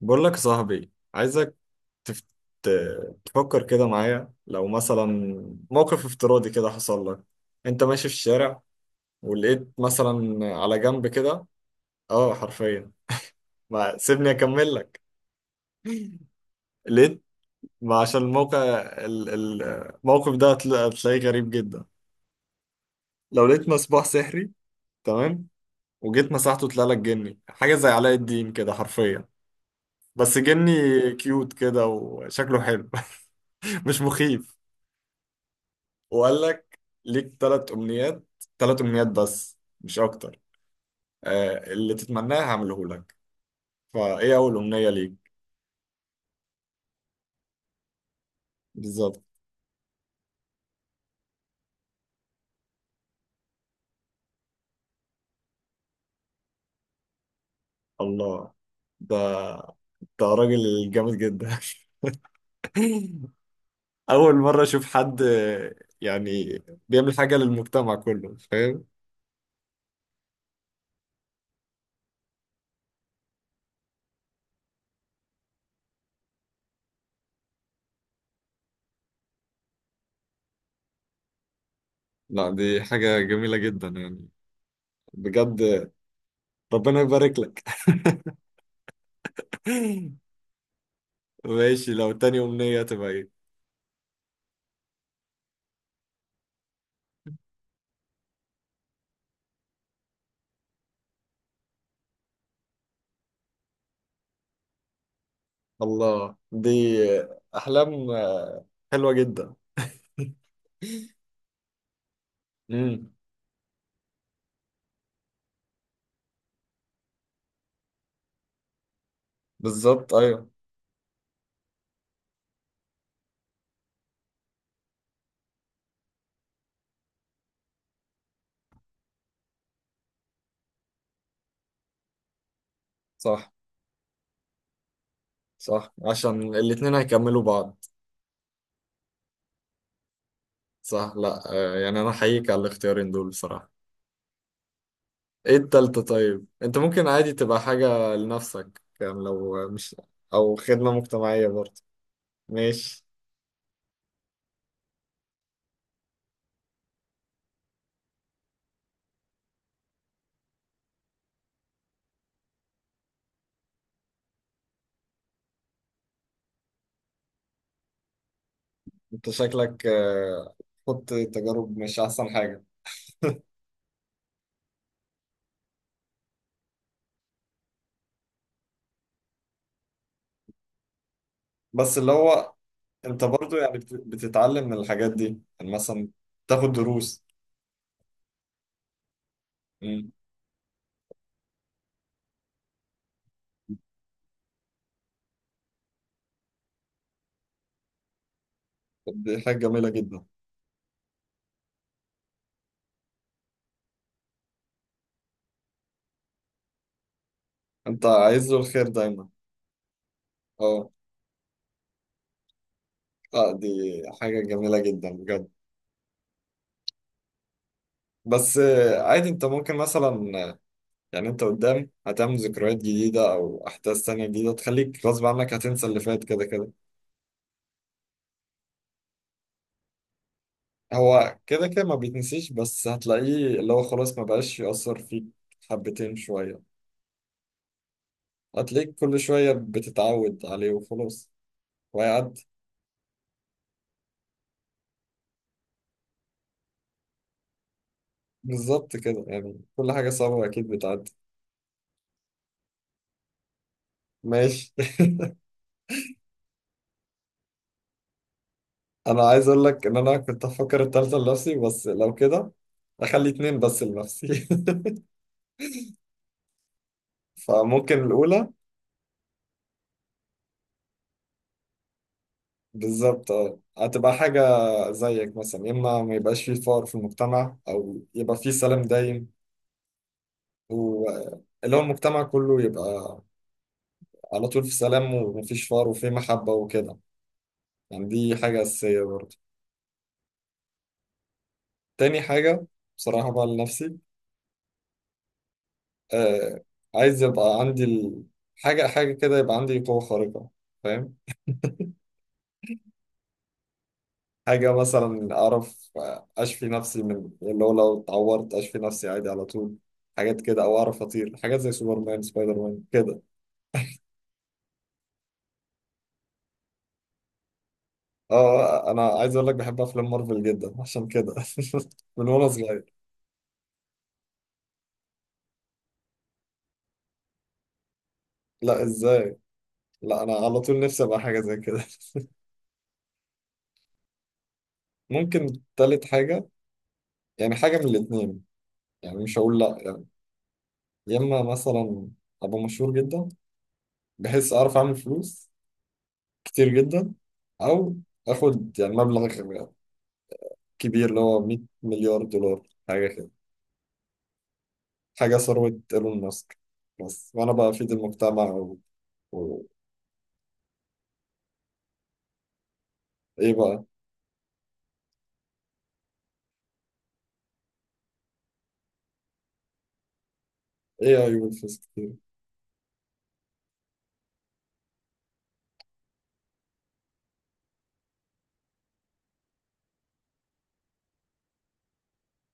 بقول لك يا صاحبي، عايزك تفت... تفكر كده معايا. لو مثلا موقف افتراضي كده حصل لك، انت ماشي في الشارع ولقيت مثلا على جنب كده. اه حرفيا. ما سيبني اكمل لك. لقيت، ما عشان الموقع ال- ال- الموقف ده هتلاقيه غريب جدا. لو لقيت مصباح سحري، تمام، وجيت مسحته طلع لك جني، حاجة زي علاء الدين كده حرفيا، بس جني كيوت كده وشكله حلو مش مخيف. وقال لك: ليك 3 امنيات، 3 امنيات بس مش اكتر، آه اللي تتمناه هعمله لك. فايه اول امنية ليك؟ بالظبط. الله، ده ده راجل جامد جدا اول مرة اشوف حد يعني بيعمل حاجة للمجتمع كله، فاهم. لا، دي حاجة جميلة جدا يعني. بجد، ربنا يبارك لك. ماشي، لو تاني امنية تبقى ايه؟ الله دي احلام حلوة جدا مم. بالظبط ايوه. صح. صح، عشان الاتنين هيكملوا بعض. صح، لا يعني انا احييك على الاختيارين دول بصراحة. ايه التالتة؟ طيب انت ممكن عادي تبقى حاجة لنفسك، يعني لو مش، او خدمة مجتمعية برضه. ماشي. انت شكلك خدت تجارب، مش احسن حاجة. بس اللي هو انت برضو يعني بتتعلم من الحاجات دي، يعني مثلا تاخد دروس. مم. طب دي حاجة جميلة جدا. انت عايز له الخير دايما. اه. اه دي حاجة جميلة جدا بجد. بس عادي انت ممكن مثلا، آه، يعني انت قدام هتعمل ذكريات جديدة او احداث تانية جديدة تخليك غصب عنك هتنسى اللي فات كده كده. هو كده كده ما بيتنسيش، بس هتلاقيه اللي هو خلاص ما بقاش يأثر فيك. حبتين شوية، هتلاقيك كل شوية بتتعود عليه وخلاص، وهيعدي. بالظبط كده، يعني كل حاجة صعبة أكيد بتعدي. ماشي. أنا عايز أقول لك إن أنا كنت أفكر التالتة لنفسي، بس لو كده أخلي اتنين بس لنفسي فممكن الأولى بالظبط اه هتبقى حاجة زيك مثلا، يا إما ما يبقاش فيه فقر في المجتمع أو يبقى فيه سلام دايم، واللي هو المجتمع كله يبقى على طول في سلام ومفيش فقر وفيه محبة وكده. يعني دي حاجة أساسية برضه. تاني حاجة بصراحة بقى لنفسي، آه، عايز يبقى عندي حاجة حاجة كده، يبقى عندي قوة خارقة، فاهم. حاجة مثلا أعرف أشفي نفسي من اللي هو لو اتعورت أشفي نفسي عادي على طول، حاجات كده، أو أعرف أطير، حاجات زي سوبرمان سبايدر مان كده. أه أنا عايز أقول لك بحب أفلام مارفل جدا عشان كده من وأنا صغير. لا إزاي، لا أنا على طول نفسي أبقى حاجة زي كده. ممكن تالت حاجة، يعني حاجة من الاتنين، يعني مش هقول لأ يعني، يا إما مثلا أبقى مشهور جدا بحيث أعرف أعمل فلوس كتير جدا، أو آخد يعني مبلغ كبير اللي هو 100 مليار دولار حاجة كده، حاجة ثروة ايلون ماسك، بس وأنا بقى أفيد المجتمع و... إيه بقى؟ إيه عيوب الفلوس كتير؟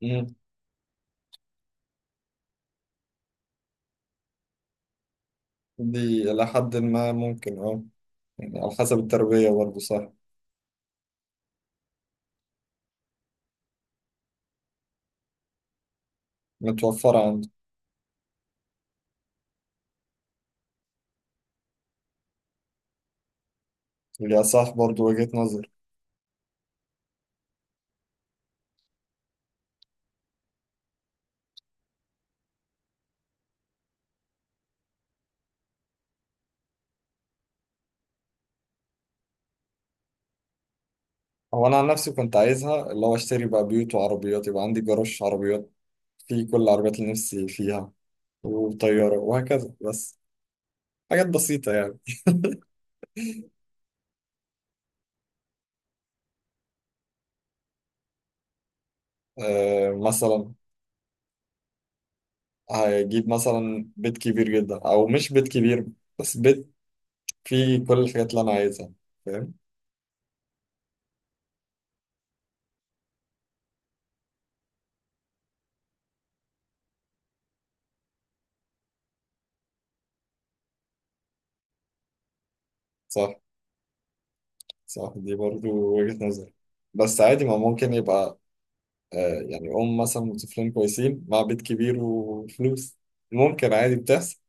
مم. دي إلى حد ما ممكن أه. يعني على حسب التربية برضه، صح. متوفرة عنده. يا، صح برضه وجهة نظر. هو أنا عن نفسي كنت عايزها اللي هو أشتري بقى بيوت وعربيات، يبقى عندي جراج عربيات فيه كل العربيات اللي نفسي فيها وطيارة وهكذا، بس حاجات بسيطة يعني. أه مثلا هيجيب مثلا بيت كبير جدا او مش بيت كبير، بس بيت فيه كل الحاجات اللي انا عايزها، فاهم. صح. صح دي برضو وجهة نظر، بس عادي ما ممكن يبقى آه يعني ام مثلا وطفلين كويسين مع بيت كبير وفلوس، ممكن عادي بتحصل.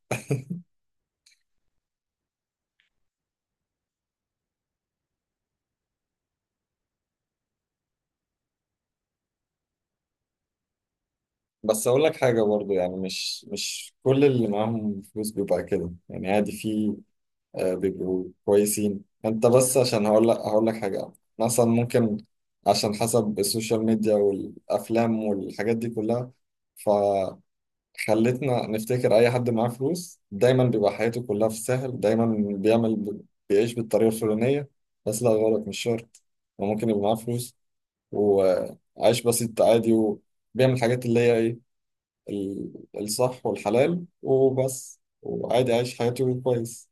بس اقول لك حاجة برضو، يعني مش كل اللي معاهم فلوس بيبقى كده، يعني عادي في بيبقوا كويسين. انت بس عشان هقول لك حاجة مثلا ممكن، عشان حسب السوشيال ميديا والأفلام والحاجات دي كلها، فخلتنا نفتكر أي حد معاه فلوس دايما بيبقى حياته كلها في الساحل دايما، بيعمل، بيعيش بالطريقة الفلانية. بس لا، غلط، مش شرط. وممكن يبقى معاه فلوس وعايش بسيط عادي وبيعمل الحاجات اللي هي إيه، الصح والحلال وبس، وعادي عايش حياته كويس.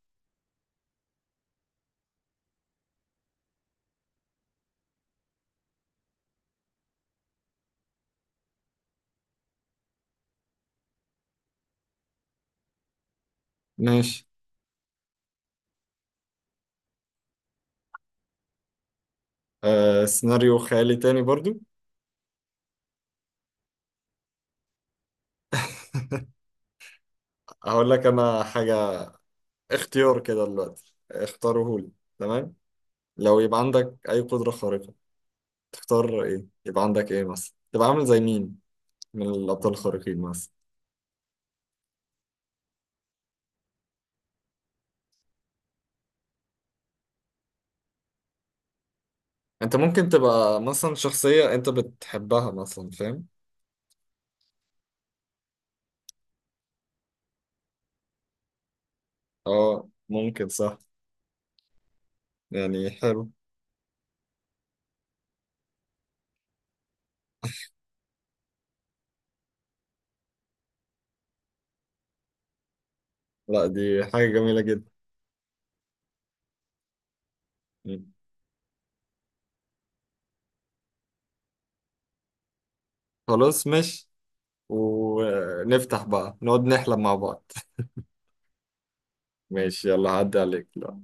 ماشي آه سيناريو خيالي تاني برضو. هقول لك انا حاجة، اختيار كده دلوقتي اختاره لي. تمام. لو يبقى عندك اي قدرة خارقة، تختار ايه؟ يبقى عندك ايه مثلا؟ تبقى عامل زي مين من الابطال الخارقين مثلا؟ انت ممكن تبقى مثلا شخصية انت بتحبها مثلا، فاهم. اه ممكن، صح. يعني حلو. لا دي حاجة جميلة جدا. مم. خلاص ماشي. ونفتح بقى نقعد نحلم مع بعض. ماشي، يلا عدى عليك لا.